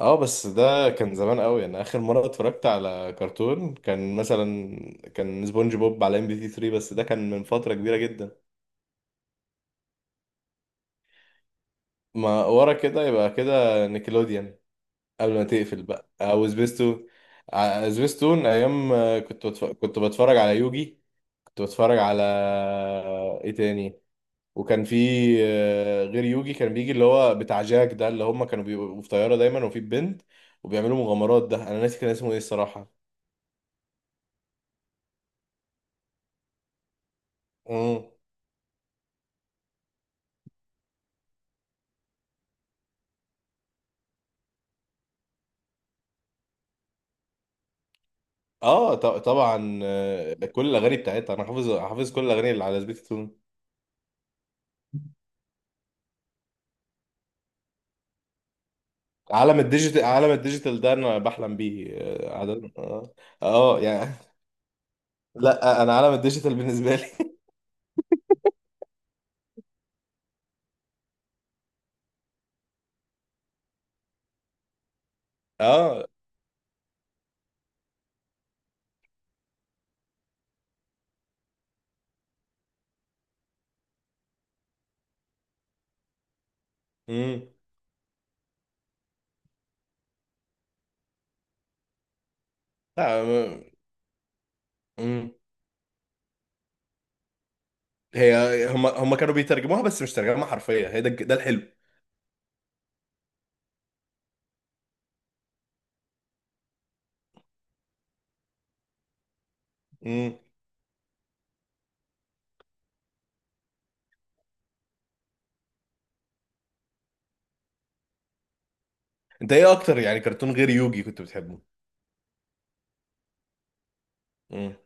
اه، بس ده كان زمان قوي. انا اخر مره اتفرجت على كرتون كان مثلا كان سبونج بوب على ام بي تي 3، بس ده كان من فتره كبيره جدا. ما ورا كده يبقى كده نيكلوديان قبل ما تقفل بقى، او سبيستون. سبيستون ايام آه، كنت بتفرج على يوجي. كنت بتفرج على ايه تاني وكان في آه، غير يوجي كان بيجي اللي هو بتاع جاك ده، اللي هم كانوا بيبقوا في طياره دايما وفي بنت وبيعملوا مغامرات. ده انا ناسي كان اسمه ايه الصراحه. مم. اه طبعا آه، كل الاغاني بتاعتها انا حافظ كل الاغاني اللي على سبيتون. عالم الديجيتال، عالم الديجيتال ده انا بحلم بيه اه عادة. اه آه، يعني لا آه، انا عالم الديجيتال بالنسبه لي. اه. امم. لا م- امم. هي هم كانوا بيترجموها بس مش ترجمه حرفيه، هي ده ده الحلو. امم. انت ايه اكتر يعني كرتون غير يوجي كنت بتحبه؟ امم.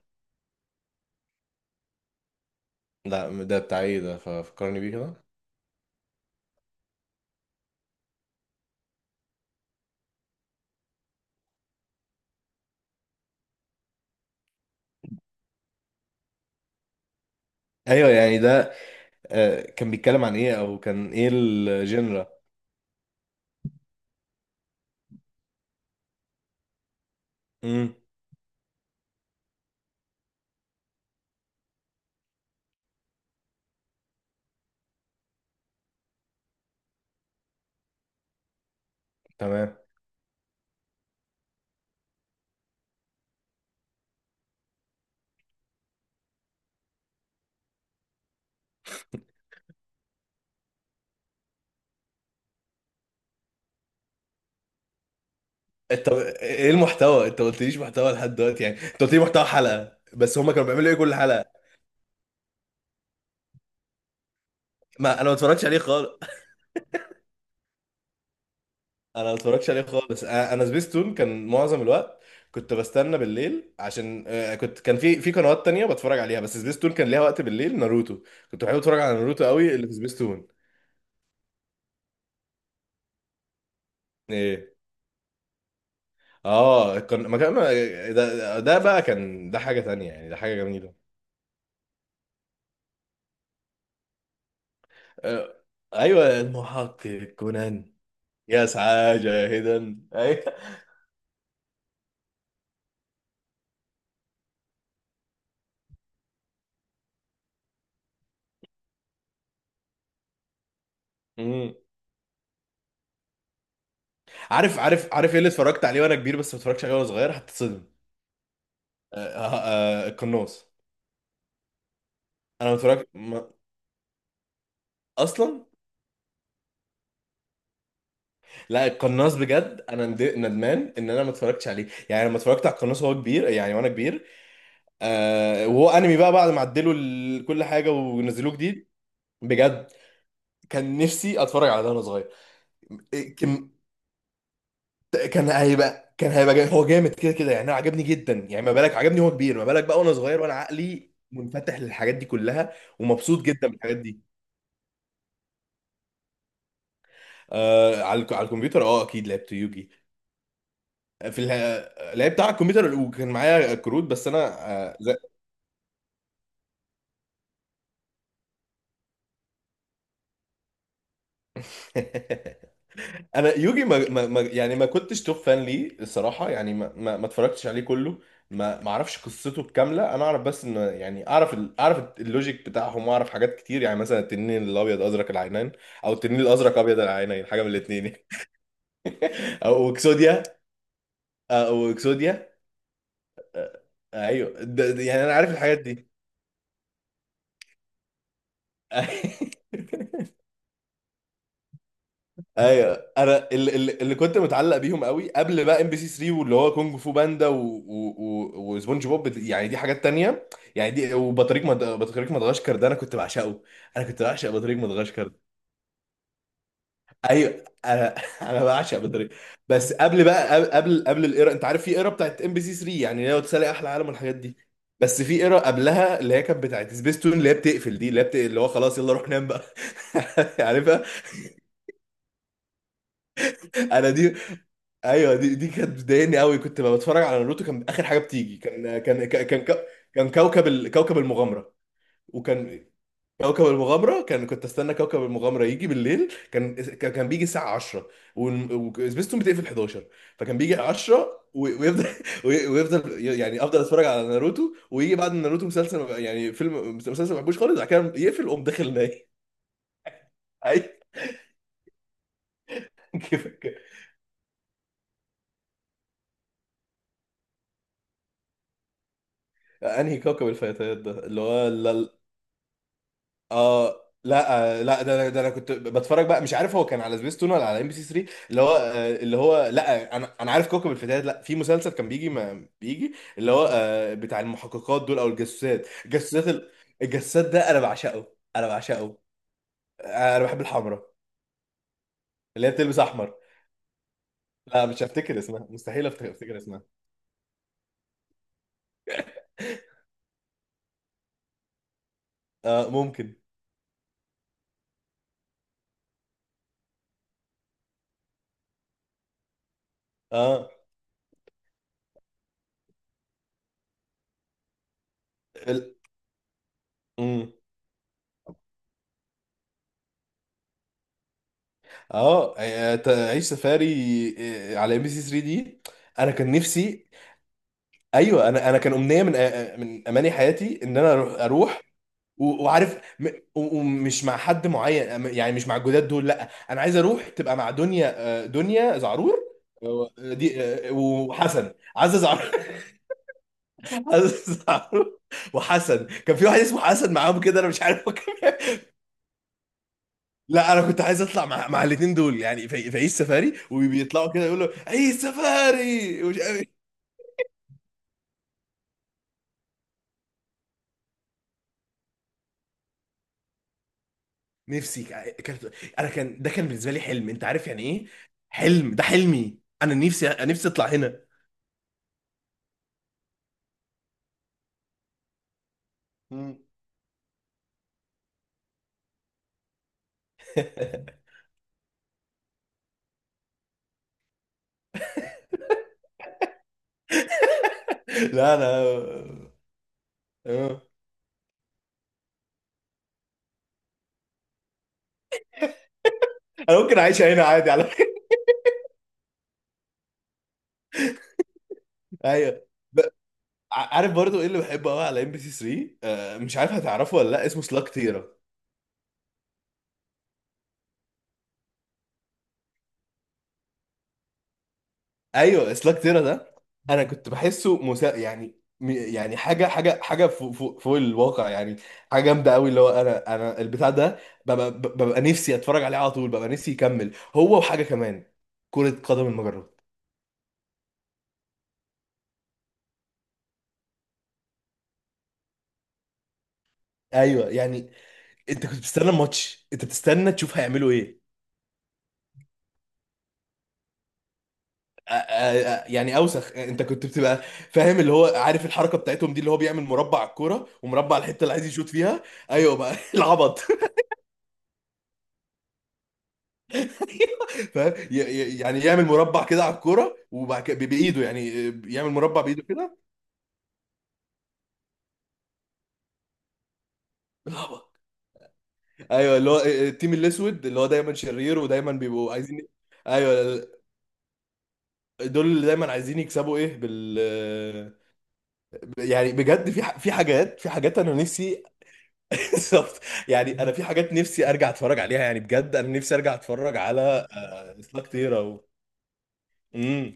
لا ده بتاع ايه ده؟ ففكرني بيه كده. ايوه يعني ده آه، كان بيتكلم عن ايه؟ او كان ايه الجنرا؟ تمام. انت ايه المحتوى؟ انت ما قلتليش محتوى لحد دلوقتي. يعني انت قلت لي محتوى حلقه، بس هما كانوا بيعملوا ايه كل حلقه؟ ما انا ما اتفرجتش عليه خالص. انا ما اتفرجتش عليه خالص. انا أنا سبيستون كان معظم الوقت. كنت بستنى بالليل عشان آه، كنت كان في في قنوات تانية بتفرج عليها، بس سبيستون كان ليها وقت بالليل. ناروتو، كنت بحب اتفرج على ناروتو قوي اللي في سبيستون. ايه؟ اه كان ده ده بقى كان ده حاجه تانية يعني، ده حاجه جميله. آه، ايوه المحقق كونان. يا سعاده هدى أيوة. مم. عارف عارف ايه اللي اتفرجت عليه وانا كبير بس ما اتفرجتش عليه وانا صغير؟ هتتصدم. آه، آه، آه، القناص. انا ما اتفرجت ما... اصلا. لا القناص بجد انا ندمان ان انا ما اتفرجتش عليه. يعني لما اتفرجت على القناص وهو كبير يعني وانا كبير، آه وهو انمي بقى بعد ما عدلوا كل حاجه ونزلوه جديد. بجد كان نفسي اتفرج على ده وانا صغير. كان هيبقى، كان هيبقى جامد. هو جامد كده كده يعني. انا عجبني جدا يعني، ما بالك عجبني هو كبير، ما بالك بقى وانا صغير وانا عقلي منفتح للحاجات دي كلها ومبسوط جدا بالحاجات دي. آه على على الكمبيوتر، اه اكيد لعبت يوجي. لعبت على الكمبيوتر وكان معايا كروت بس انا آه لا. انا يوجي يعني ما كنتش توب فان ليه الصراحه. يعني ما اتفرجتش عليه كله. ما اعرفش قصته الكامله. انا اعرف بس ان يعني، اعرف اعرف اللوجيك بتاعهم واعرف حاجات كتير، يعني مثلا التنين الابيض ازرق العينين او التنين الازرق ابيض العينين، حاجه من الاثنين يعني. او اكسوديا، او اكسوديا. ايوه ده يعني انا عارف الحاجات دي. ايوه، انا اللي كنت متعلق بيهم قوي قبل بقى ام بي سي 3، واللي هو كونج فو باندا وسبونج بوب، يعني دي حاجات تانية. يعني دي، بطريق مدغشقر ده انا كنت بعشقه. انا كنت بعشق بطريق مدغشقر ده. ايوه انا انا بعشق بطريق. بس قبل بقى، قبل الايرا، انت عارف في ايرا بتاعت ام بي سي 3، يعني لو تسالي احلى عالم والحاجات دي. بس في ايرا قبلها اللي هي كانت بتاعت سبيستون، اللي هي بتقفل دي، اللي اللي هو خلاص يلا روح نام بقى. عارفها. انا دي، ايوه دي كانت بتضايقني قوي. كنت ببقى بتفرج على ناروتو. كان اخر حاجه بتيجي كان كان كوكب المغامره. وكان كوكب المغامره، كان كنت استنى كوكب المغامره يجي بالليل. كان بيجي الساعه 10 وسبيستون بتقفل 11. فكان بيجي 10 ويفضل ويفضل، يعني افضل اتفرج على ناروتو. ويجي بعد ناروتو مسلسل يعني فيلم مسلسل ما بحبوش خالص، بعد كده يقفل اقوم داخل نايم. اي. كيفك؟ انهي كوكب الفتيات ده اللي هو؟ اه لا آه، لا ده ده انا كنت بتفرج بقى، مش عارف هو كان على سبيستون ولا على ام بي سي 3، اللي هو آه، اللي هو لا انا انا عارف كوكب الفتيات، لا في مسلسل كان بيجي، ما بيجي اللي هو آه، بتاع المحققات دول او الجاسوسات، الجاسوسات الجاسوسات ده انا بعشقه. انا بعشقه. آه، انا بحب الحمراء اللي هي بتلبس احمر. لا مش هفتكر اسمها. مستحيل افتكر اسمها. آه ممكن. اه ال... مم. اه آه، تعيش سفاري، آه، على ام بي سي 3 دي. انا كان نفسي، ايوه انا انا كان امنيه من اماني حياتي ان انا اروح، أروح وعارف ومش مع حد معين، يعني مش مع الجداد دول، لا انا عايز اروح تبقى مع دنيا. آه، دنيا زعرور. آه، دي آه، وحسن، عزة زعرور. عزة زعرور. وحسن، كان في واحد اسمه حسن معاهم كده، انا مش عارف هو كان... لا انا كنت عايز اطلع مع مع الاثنين دول، يعني في في عيش سفاري، وبيطلعوا كده يقولوا عيش سفاري ومش عارف. كانت انا كان ده، كان بالنسبه لي حلم، انت عارف يعني ايه حلم؟ ده حلمي انا، نفسي نفسي اطلع هنا. مم. لا لا آه. انا ممكن اعيش هنا عادي على فكره. ايوه. ب- عارف برضو ايه اللي بحبه قوي على ام بي سي 3 آه، مش عارف هتعرفه ولا لا، اسمه سلاك تيرا. ايوه سلاك تيرا ده، انا كنت يعني يعني حاجه فوق الواقع يعني. حاجه جامده قوي اللي هو، انا انا البتاع ده ببقى نفسي اتفرج عليه على طول، ببقى نفسي يكمل هو، وحاجه كمان كره قدم المجرات. ايوه يعني. انت كنت بتستنى الماتش، انت بتستنى تشوف هيعملوا ايه. أ- أ- يعني اوسخ انت كنت بتبقى فاهم اللي هو عارف الحركه بتاعتهم دي، اللي هو بيعمل مربع على الكوره ومربع على الحته اللي عايز يشوط فيها. ايوه بقى. العبط. فاهم يعني يعمل مربع كده على الكوره، وبعد كده بايده يعني يعمل مربع بايده كده. بالعبط. ايوه، اللي هو آه، التيم الاسود اللي هو دايما شرير ودايما بيبقوا عايزين. ايوه، دول اللي دايما عايزين يكسبوا ايه، بال. يعني بجد في في حاجات، في حاجات انا نفسي. بالظبط. يعني انا في حاجات نفسي ارجع اتفرج عليها، يعني بجد انا نفسي ارجع اتفرج على سلاك تيرا امم.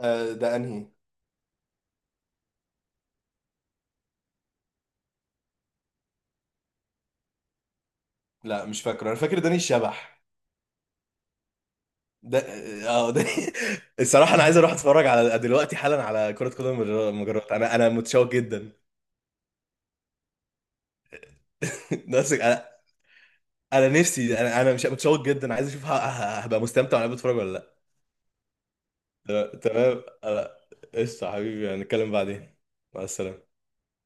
آه، ده انهي؟ لا مش فاكره، انا فاكر داني الشبح. ده اه آه، ده الصراحة أنا عايز أروح أتفرج على دلوقتي حالا على كرة قدم المجرات. أنا أنا متشوق جدا. نفسك أنا. أنا نفسي، أنا أنا مش متشوق جدا، عايز أشوف هبقى مستمتع وأنا بتفرج ولا لأ. تمام تمام. أنا... قشطة حبيبي، هنتكلم بعدين. مع السلامة.